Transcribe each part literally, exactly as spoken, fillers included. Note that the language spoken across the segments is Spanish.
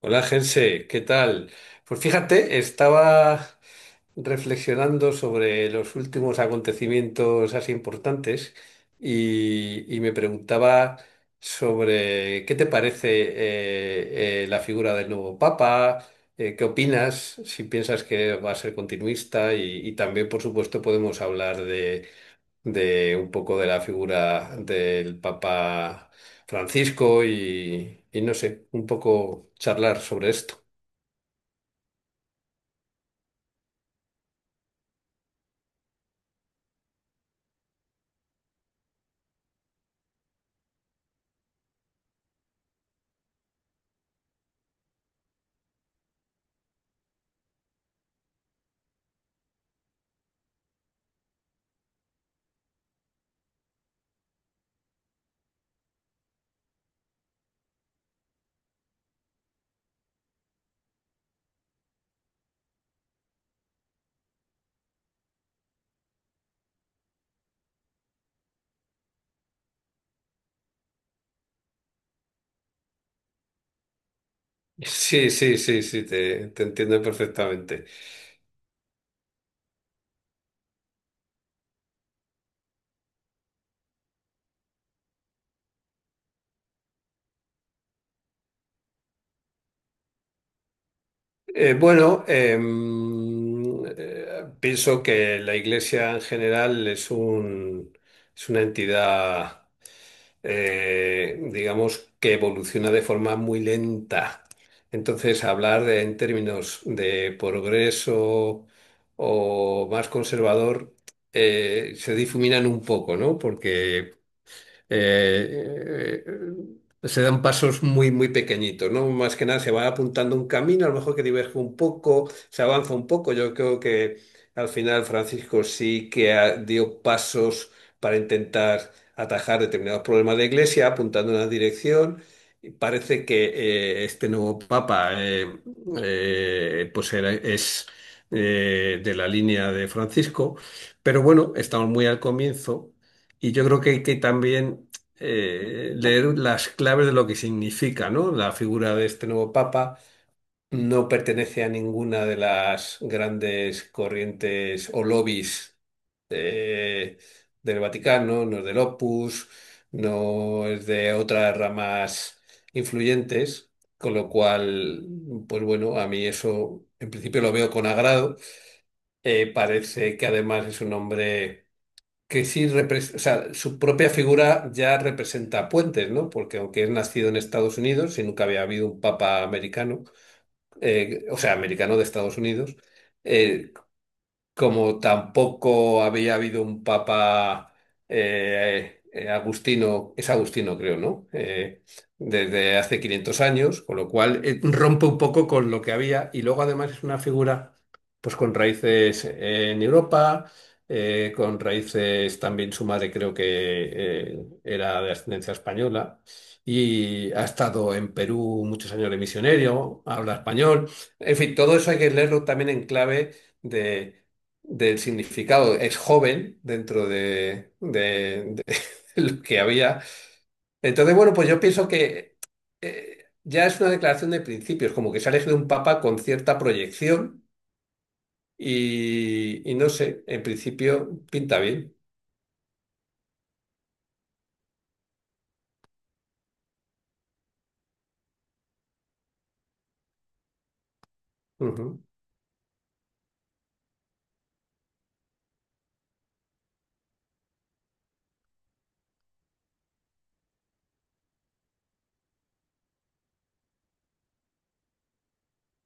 Hola, Gerse, ¿qué tal? Pues fíjate, estaba reflexionando sobre los últimos acontecimientos así importantes y, y me preguntaba sobre qué te parece eh, eh, la figura del nuevo Papa. Eh, Qué opinas? ¿Si piensas que va a ser continuista? Y, y también, por supuesto, podemos hablar de un poco de la figura del Papa Francisco y, y no sé, un poco charlar sobre esto. Sí, sí, sí, sí, te, te entiendo perfectamente. Eh, bueno, em, eh, pienso que la Iglesia en general es un, es una entidad, eh, digamos, que evoluciona de forma muy lenta. Entonces, hablar de- en términos de progreso o más conservador, eh, se difuminan un poco, ¿no? Porque eh, eh, se dan pasos muy, muy pequeñitos, ¿no? Más que nada se va apuntando un camino, a lo mejor que diverge un poco, se avanza un poco. Yo creo que al final Francisco sí que ha- dio pasos para intentar atajar determinados problemas de la Iglesia, apuntando en una dirección. Y parece que eh, este nuevo Papa eh, eh, pues era- es eh, de la línea de Francisco, pero bueno, estamos muy al comienzo. Y yo creo que hay que también eh, leer las claves de lo que significa, ¿no? La figura de este nuevo papa no pertenece a ninguna de las grandes corrientes o lobbies eh, del Vaticano, no es del Opus, no es de otras ramas influyentes, con lo cual, pues bueno, a mí eso en principio lo veo con agrado. Eh, parece que además es un hombre que sí repres- o sea, su propia figura ya representa puentes, ¿no? Porque aunque es nacido en Estados Unidos y nunca había habido un papa americano, eh, o sea, americano de Estados Unidos, eh, como tampoco había habido un papa eh, eh, agustino, es agustino creo, ¿no? Eh, desde hace quinientos años, con lo cual eh, rompe un poco con lo que había, y luego además es una figura pues con raíces eh, en Europa, eh, con raíces también, su madre creo que eh, era de ascendencia española. Y ha estado en Perú muchos años de misionero, habla español. En fin, todo eso hay que leerlo también en clave del significado. Es joven dentro de, de- de lo que había. Entonces, bueno, pues yo pienso que eh, ya es una declaración de principios, como que se ha elegido un papa con cierta proyección y, y no sé, en principio pinta bien. Ujú,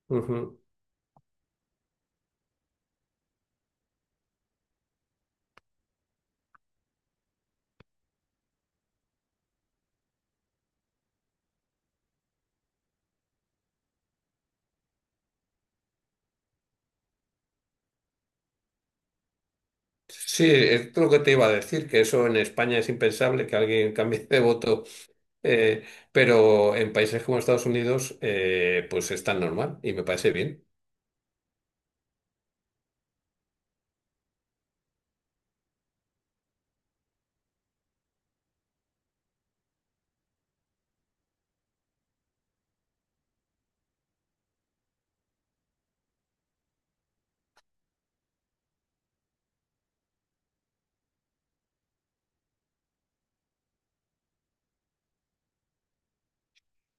ujú. Sí, es lo que te iba a decir, que eso en España es impensable que alguien cambie de voto, eh, pero en países como Estados Unidos, eh, pues es tan normal y me parece bien.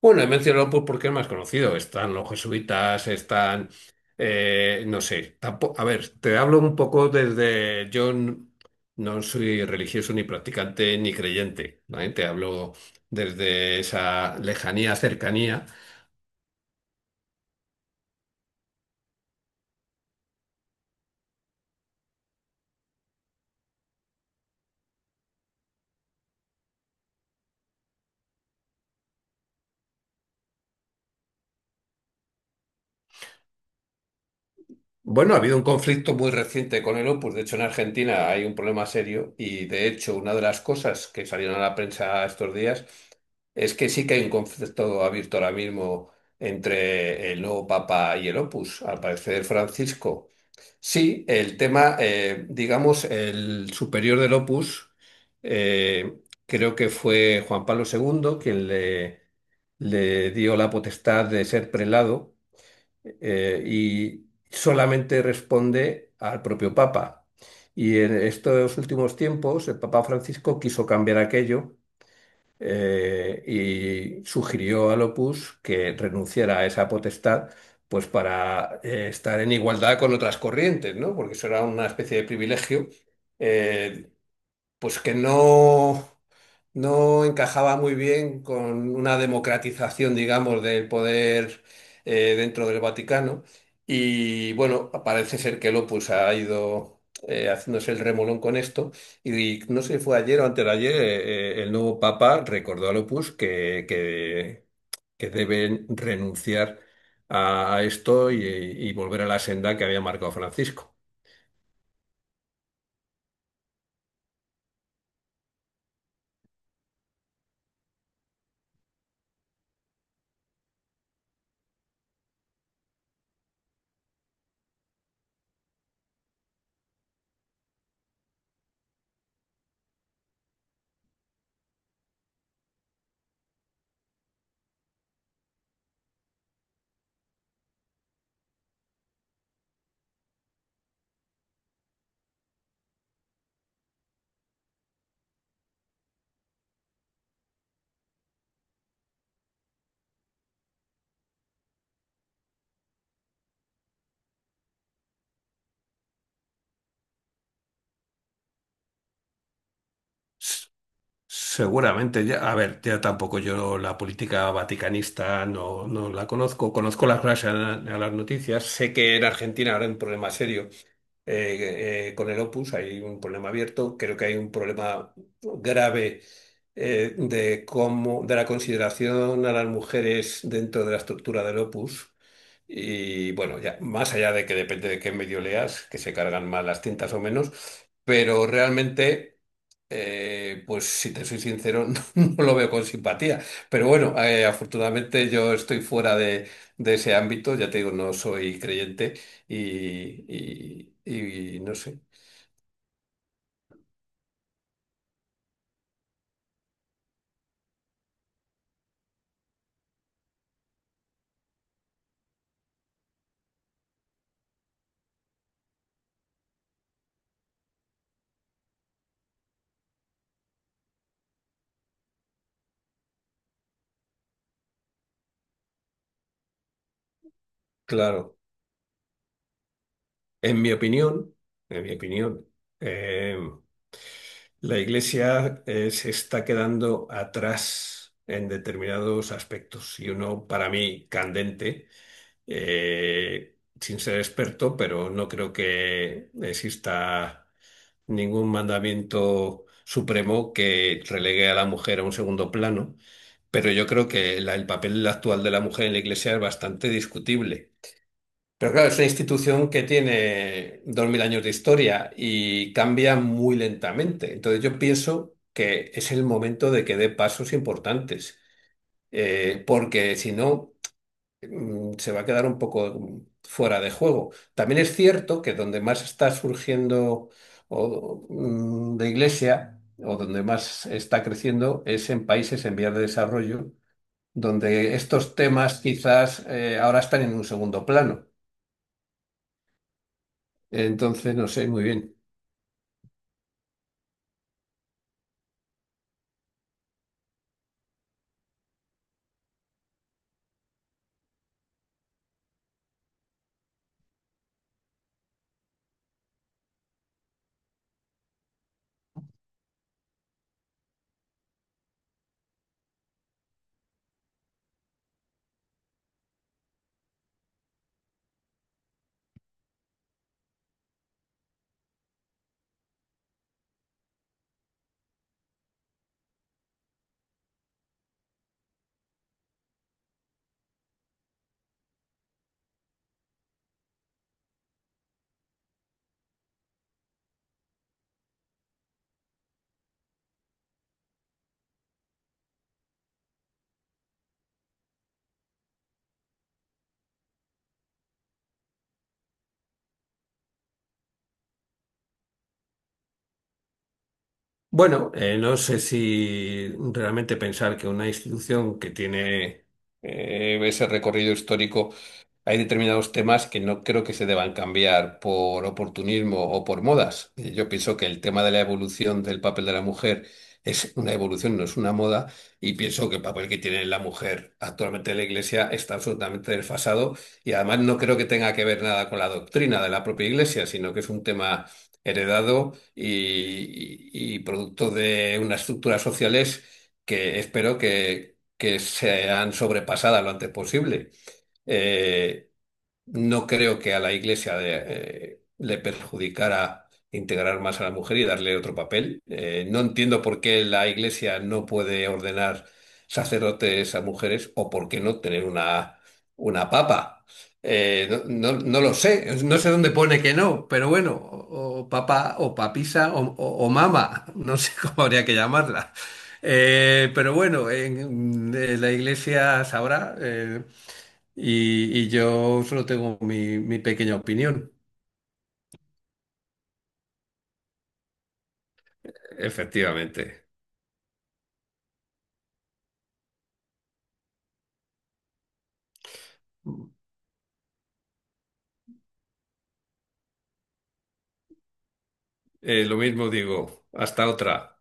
Bueno, he mencionado pues porque es más conocido. Están los jesuitas, están, eh, no sé, tampoco, a ver, te hablo un poco desde, yo n- no soy religioso ni practicante ni creyente, ¿vale? Te hablo desde esa lejanía, cercanía. Bueno, ha habido un conflicto muy reciente con el Opus. De hecho, en Argentina hay un problema serio y, de hecho, una de las cosas que salieron a la prensa estos días es que sí que hay un conflicto abierto ahora mismo entre el nuevo Papa y el Opus. Al parecer, Francisco. Sí, el tema, eh, digamos, el superior del Opus, eh, creo que fue Juan Pablo segundo quien le, le dio la potestad de ser prelado eh, y solamente responde al propio Papa. Y en estos últimos tiempos el Papa Francisco quiso cambiar aquello, eh, y sugirió al Opus que renunciara a esa potestad, pues para eh, estar en igualdad con otras corrientes, ¿no? Porque eso era una especie de privilegio, eh, pues que no, no encajaba muy bien con una democratización, digamos, del poder eh, dentro del Vaticano. Y bueno, parece ser que Lopus ha ido eh, haciéndose el remolón con esto. Y no sé si fue ayer o antes de ayer, eh, eh, el nuevo Papa recordó a Lopus que, que, que deben renunciar a, a esto y, y volver a la senda que había marcado Francisco. Seguramente. Ya, a ver, ya tampoco yo la política vaticanista no, no la conozco, conozco las, las, las noticias, sé que en Argentina habrá un problema serio eh, eh, con el Opus, hay un problema abierto, creo que hay un problema grave eh, de cómo, de la consideración a las mujeres dentro de la estructura del Opus. Y bueno, ya, más allá de que depende de qué medio leas, que se cargan más las tintas o menos, pero realmente, eh, pues si te soy sincero, no, no lo veo con simpatía. Pero bueno, eh, afortunadamente yo estoy fuera de, de ese ámbito, ya te digo, no soy creyente y, y- y no sé. Claro, en mi opinión, en mi opinión, eh, la Iglesia eh, se está quedando atrás en determinados aspectos, y uno para mí candente, eh, sin ser experto, pero no creo que exista ningún mandamiento supremo que relegue a la mujer a un segundo plano, pero yo creo que la- el papel actual de la mujer en la Iglesia es bastante discutible. Pero claro, es una institución que tiene dos mil años de historia y cambia muy lentamente. Entonces yo pienso que es el momento de que dé pasos importantes, eh, porque si no, mm, se va a quedar un poco fuera de juego. También es cierto que donde más está surgiendo o mm, de iglesia, o donde más está creciendo, es en países en vías de desarrollo, donde estos temas quizás eh, ahora están en un segundo plano. Entonces, no sé, muy bien. Bueno, eh, no sé si realmente pensar que una institución que tiene eh, ese recorrido histórico, hay determinados temas que no creo que se deban cambiar por oportunismo o por modas. Eh, Yo pienso que el tema de la evolución del papel de la mujer es una evolución, no es una moda, y pienso que el papel que tiene la mujer actualmente en la Iglesia está absolutamente desfasado, y además no creo que tenga que ver nada con la doctrina de la propia Iglesia, sino que es un tema heredado y, y- y producto de unas estructuras sociales que espero que, que sean sobrepasadas lo antes posible. Eh, no creo que a la Iglesia de- eh, le perjudicara integrar más a la mujer y darle otro papel. Eh, no entiendo por qué la Iglesia no puede ordenar sacerdotes a mujeres, o por qué no tener una, una papa. Eh, no, no- no lo sé, no sé dónde pone que no, pero bueno, o, o papa o papisa o, o- o mama, no sé cómo habría que llamarla. Eh, pero bueno, en- en eh, la Iglesia sabrá. Eh, y y yo solo tengo mi, mi pequeña opinión. Efectivamente. Eh, lo mismo digo. Hasta otra.